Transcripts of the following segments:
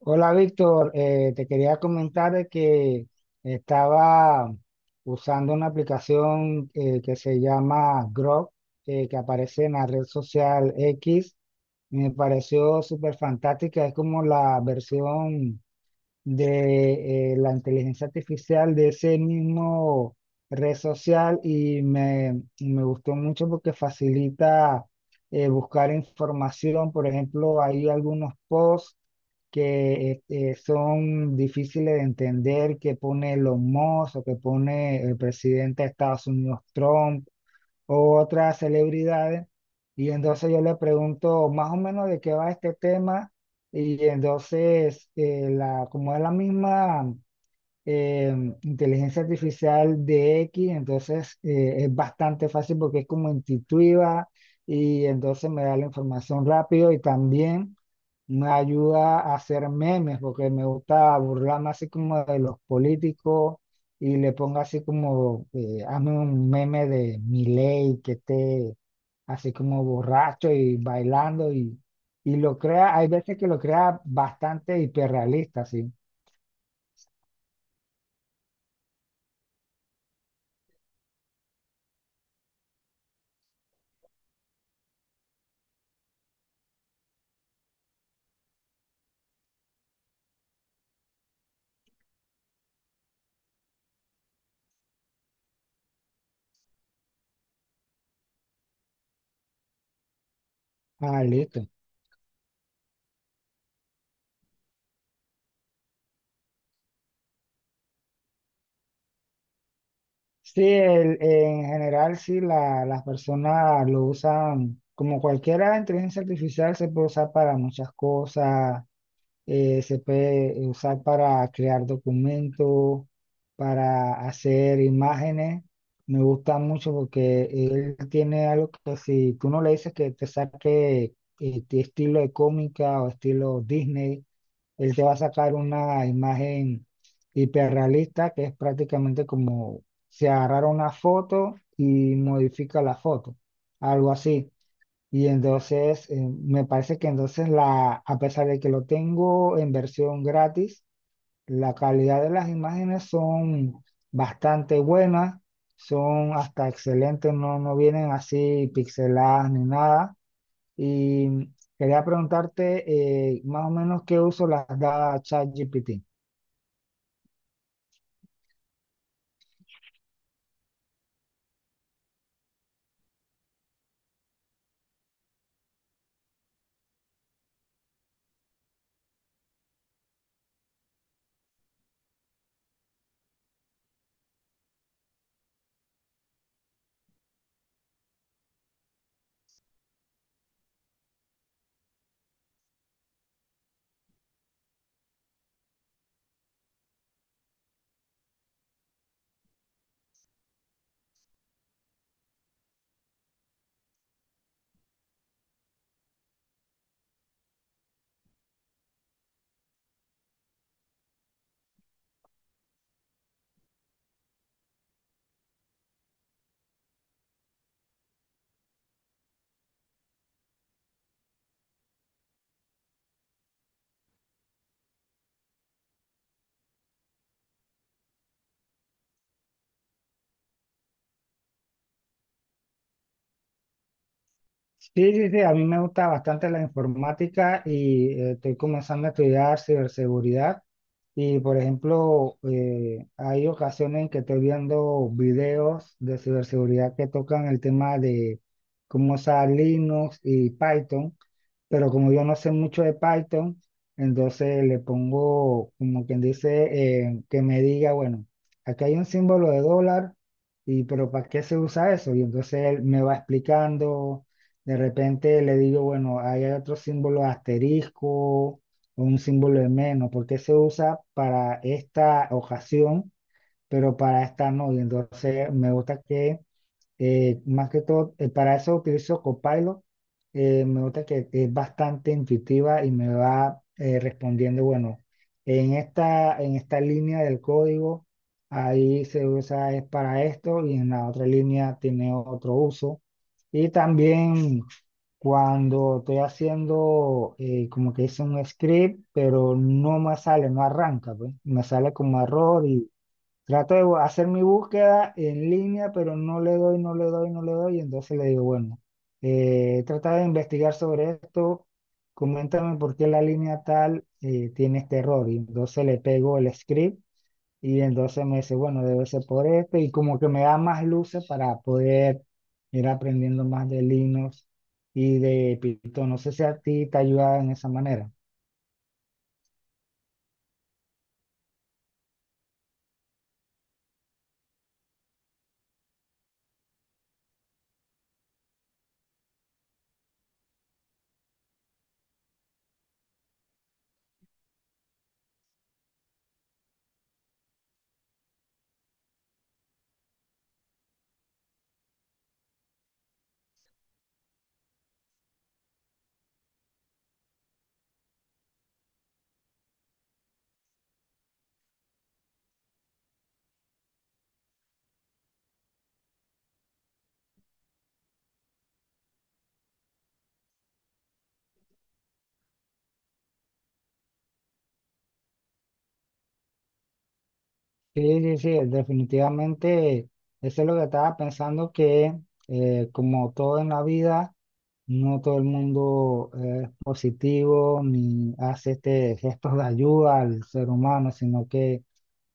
Hola Víctor. Te quería comentar de que estaba usando una aplicación que se llama Grok, que aparece en la red social X. Me pareció súper fantástica, es como la versión de la inteligencia artificial de ese mismo red social y y me gustó mucho porque facilita buscar información. Por ejemplo, hay algunos posts que son difíciles de entender, que pone Elon Musk o que pone el presidente de Estados Unidos Trump o otras celebridades. Y entonces yo le pregunto más o menos de qué va este tema. Y entonces, como es la misma eh, inteligencia artificial de X, entonces es bastante fácil porque es como intuitiva y entonces me da la información rápido y también me ayuda a hacer memes porque me gusta burlarme así como de los políticos y le pongo así como, hazme un meme de Milei que esté así como borracho y bailando, y lo crea. Hay veces que lo crea bastante hiperrealista, sí. Ah, listo. Sí, en general sí las personas lo usan, como cualquier inteligencia artificial se puede usar para muchas cosas. Se puede usar para crear documentos, para hacer imágenes. Me gusta mucho porque él tiene algo que si tú no le dices que te saque tu estilo de cómica o estilo Disney, él te va a sacar una imagen hiperrealista que es prácticamente como si agarrara una foto y modifica la foto, algo así. Y entonces, me parece que entonces a pesar de que lo tengo en versión gratis, la calidad de las imágenes son bastante buenas, son hasta excelentes. No, no vienen así pixeladas ni nada. Y quería preguntarte más o menos qué uso las da ChatGPT. Sí, sí, sí, a mí me gusta bastante la informática y estoy comenzando a estudiar ciberseguridad. Y por ejemplo, hay ocasiones en que estoy viendo videos de ciberseguridad que tocan el tema de cómo usar Linux y Python, pero como yo no sé mucho de Python, entonces le pongo, como quien dice, que me diga, bueno, aquí hay un símbolo de dólar, y pero ¿para qué se usa eso? Y entonces él me va explicando. De repente le digo, bueno, ahí hay otro símbolo asterisco, un símbolo de menos, porque se usa para esta ocasión, pero para esta no. Y entonces me gusta que, más que todo, para eso utilizo Copilot. Me gusta que es bastante intuitiva y me va respondiendo, bueno, en en esta línea del código, ahí se usa es para esto y en la otra línea tiene otro uso. Y también, cuando estoy haciendo como que hice un script, pero no me sale, no arranca, pues. Me sale como error y trato de hacer mi búsqueda en línea, pero no le doy. Y entonces le digo, bueno, trata de investigar sobre esto, coméntame por qué la línea tal tiene este error. Y entonces le pego el script y entonces me dice, bueno, debe ser por este, y como que me da más luces para poder ir aprendiendo más de Linux y de Python. No sé si a ti te ayuda en esa manera. Sí, sí, sí, definitivamente eso es lo que estaba pensando, que como todo en la vida, no todo el mundo es positivo ni hace este gesto de ayuda al ser humano, sino que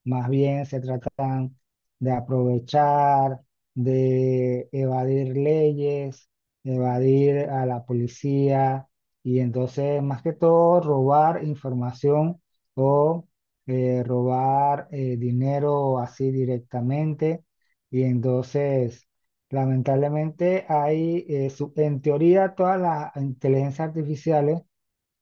más bien se tratan de aprovechar, de evadir leyes, evadir a la policía y entonces más que todo robar información o robar dinero así directamente. Y entonces lamentablemente hay, en teoría todas las inteligencias artificiales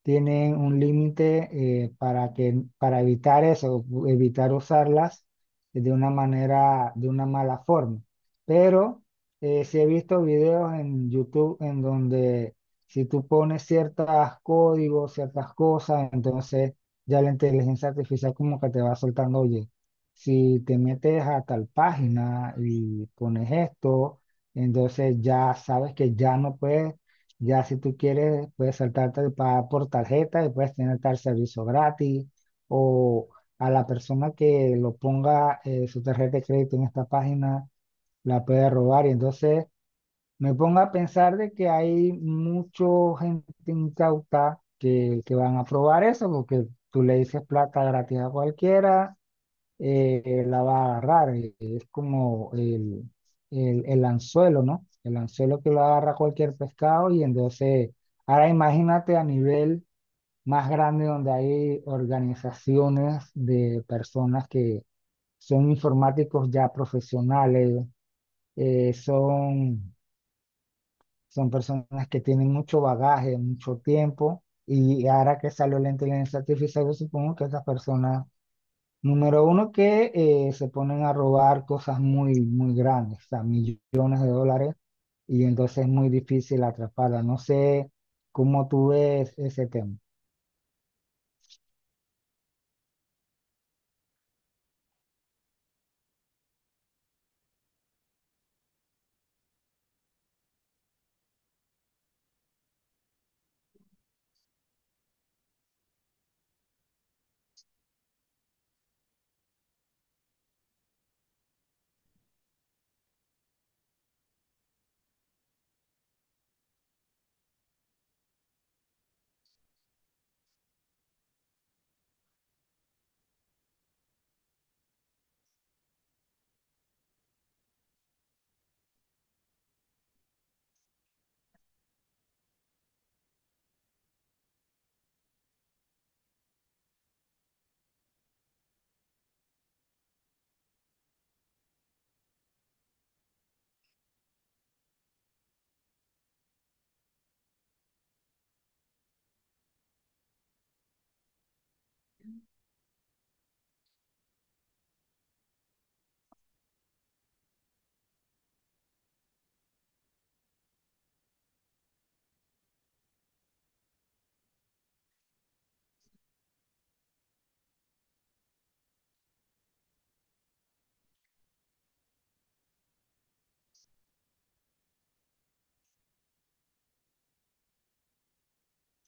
tienen un límite para evitar eso, evitar usarlas de una manera, de una mala forma. Pero sí he visto videos en YouTube en donde si tú pones ciertos códigos, ciertas cosas, entonces ya la inteligencia artificial como que te va soltando, oye, si te metes a tal página y pones esto, entonces ya sabes que ya no puedes. Ya si tú quieres, puedes saltarte el pagar por tarjeta y puedes tener tal servicio gratis o a la persona que lo ponga su tarjeta de crédito en esta página, la puede robar. Y entonces me pongo a pensar de que hay mucha gente incauta que van a probar eso porque tú le dices plata gratis a cualquiera, la va a agarrar. Es como el anzuelo, ¿no? El anzuelo que lo agarra cualquier pescado. Y entonces, ahora imagínate a nivel más grande donde hay organizaciones de personas que son informáticos ya profesionales, eh, son, son personas que tienen mucho bagaje, mucho tiempo. Y ahora que salió la inteligencia artificial, yo supongo que esas personas número uno, que se ponen a robar cosas muy, muy grandes, o sea, millones de dólares, y entonces es muy difícil atraparla. No sé cómo tú ves ese tema.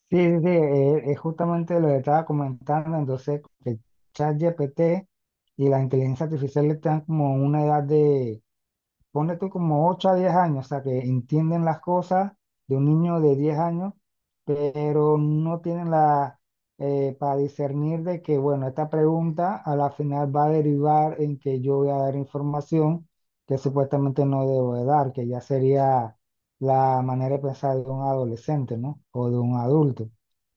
Sí, sí, sí, es justamente lo que estaba comentando, entonces que ChatGPT y la inteligencia artificial están como en una edad de, ponle tú como 8 a 10 años, o sea, que entienden las cosas de un niño de 10 años, pero no tienen la, para discernir de que, bueno, esta pregunta a la final va a derivar en que yo voy a dar información que supuestamente no debo de dar, que ya sería la manera de pensar de un adolescente, ¿no? O de un adulto.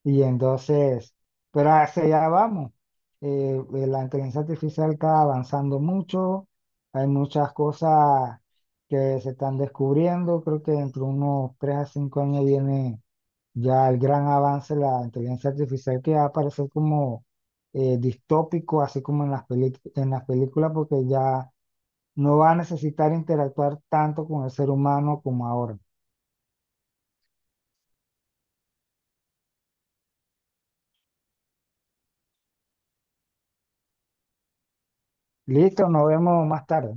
Y entonces, pero hacia allá vamos. La inteligencia artificial está avanzando mucho, hay muchas cosas que se están descubriendo. Creo que dentro de unos 3 a 5 años viene ya el gran avance de la inteligencia artificial que va a parecer como distópico, así como en las en las películas, porque ya no va a necesitar interactuar tanto con el ser humano como ahora. Listo, nos vemos más tarde.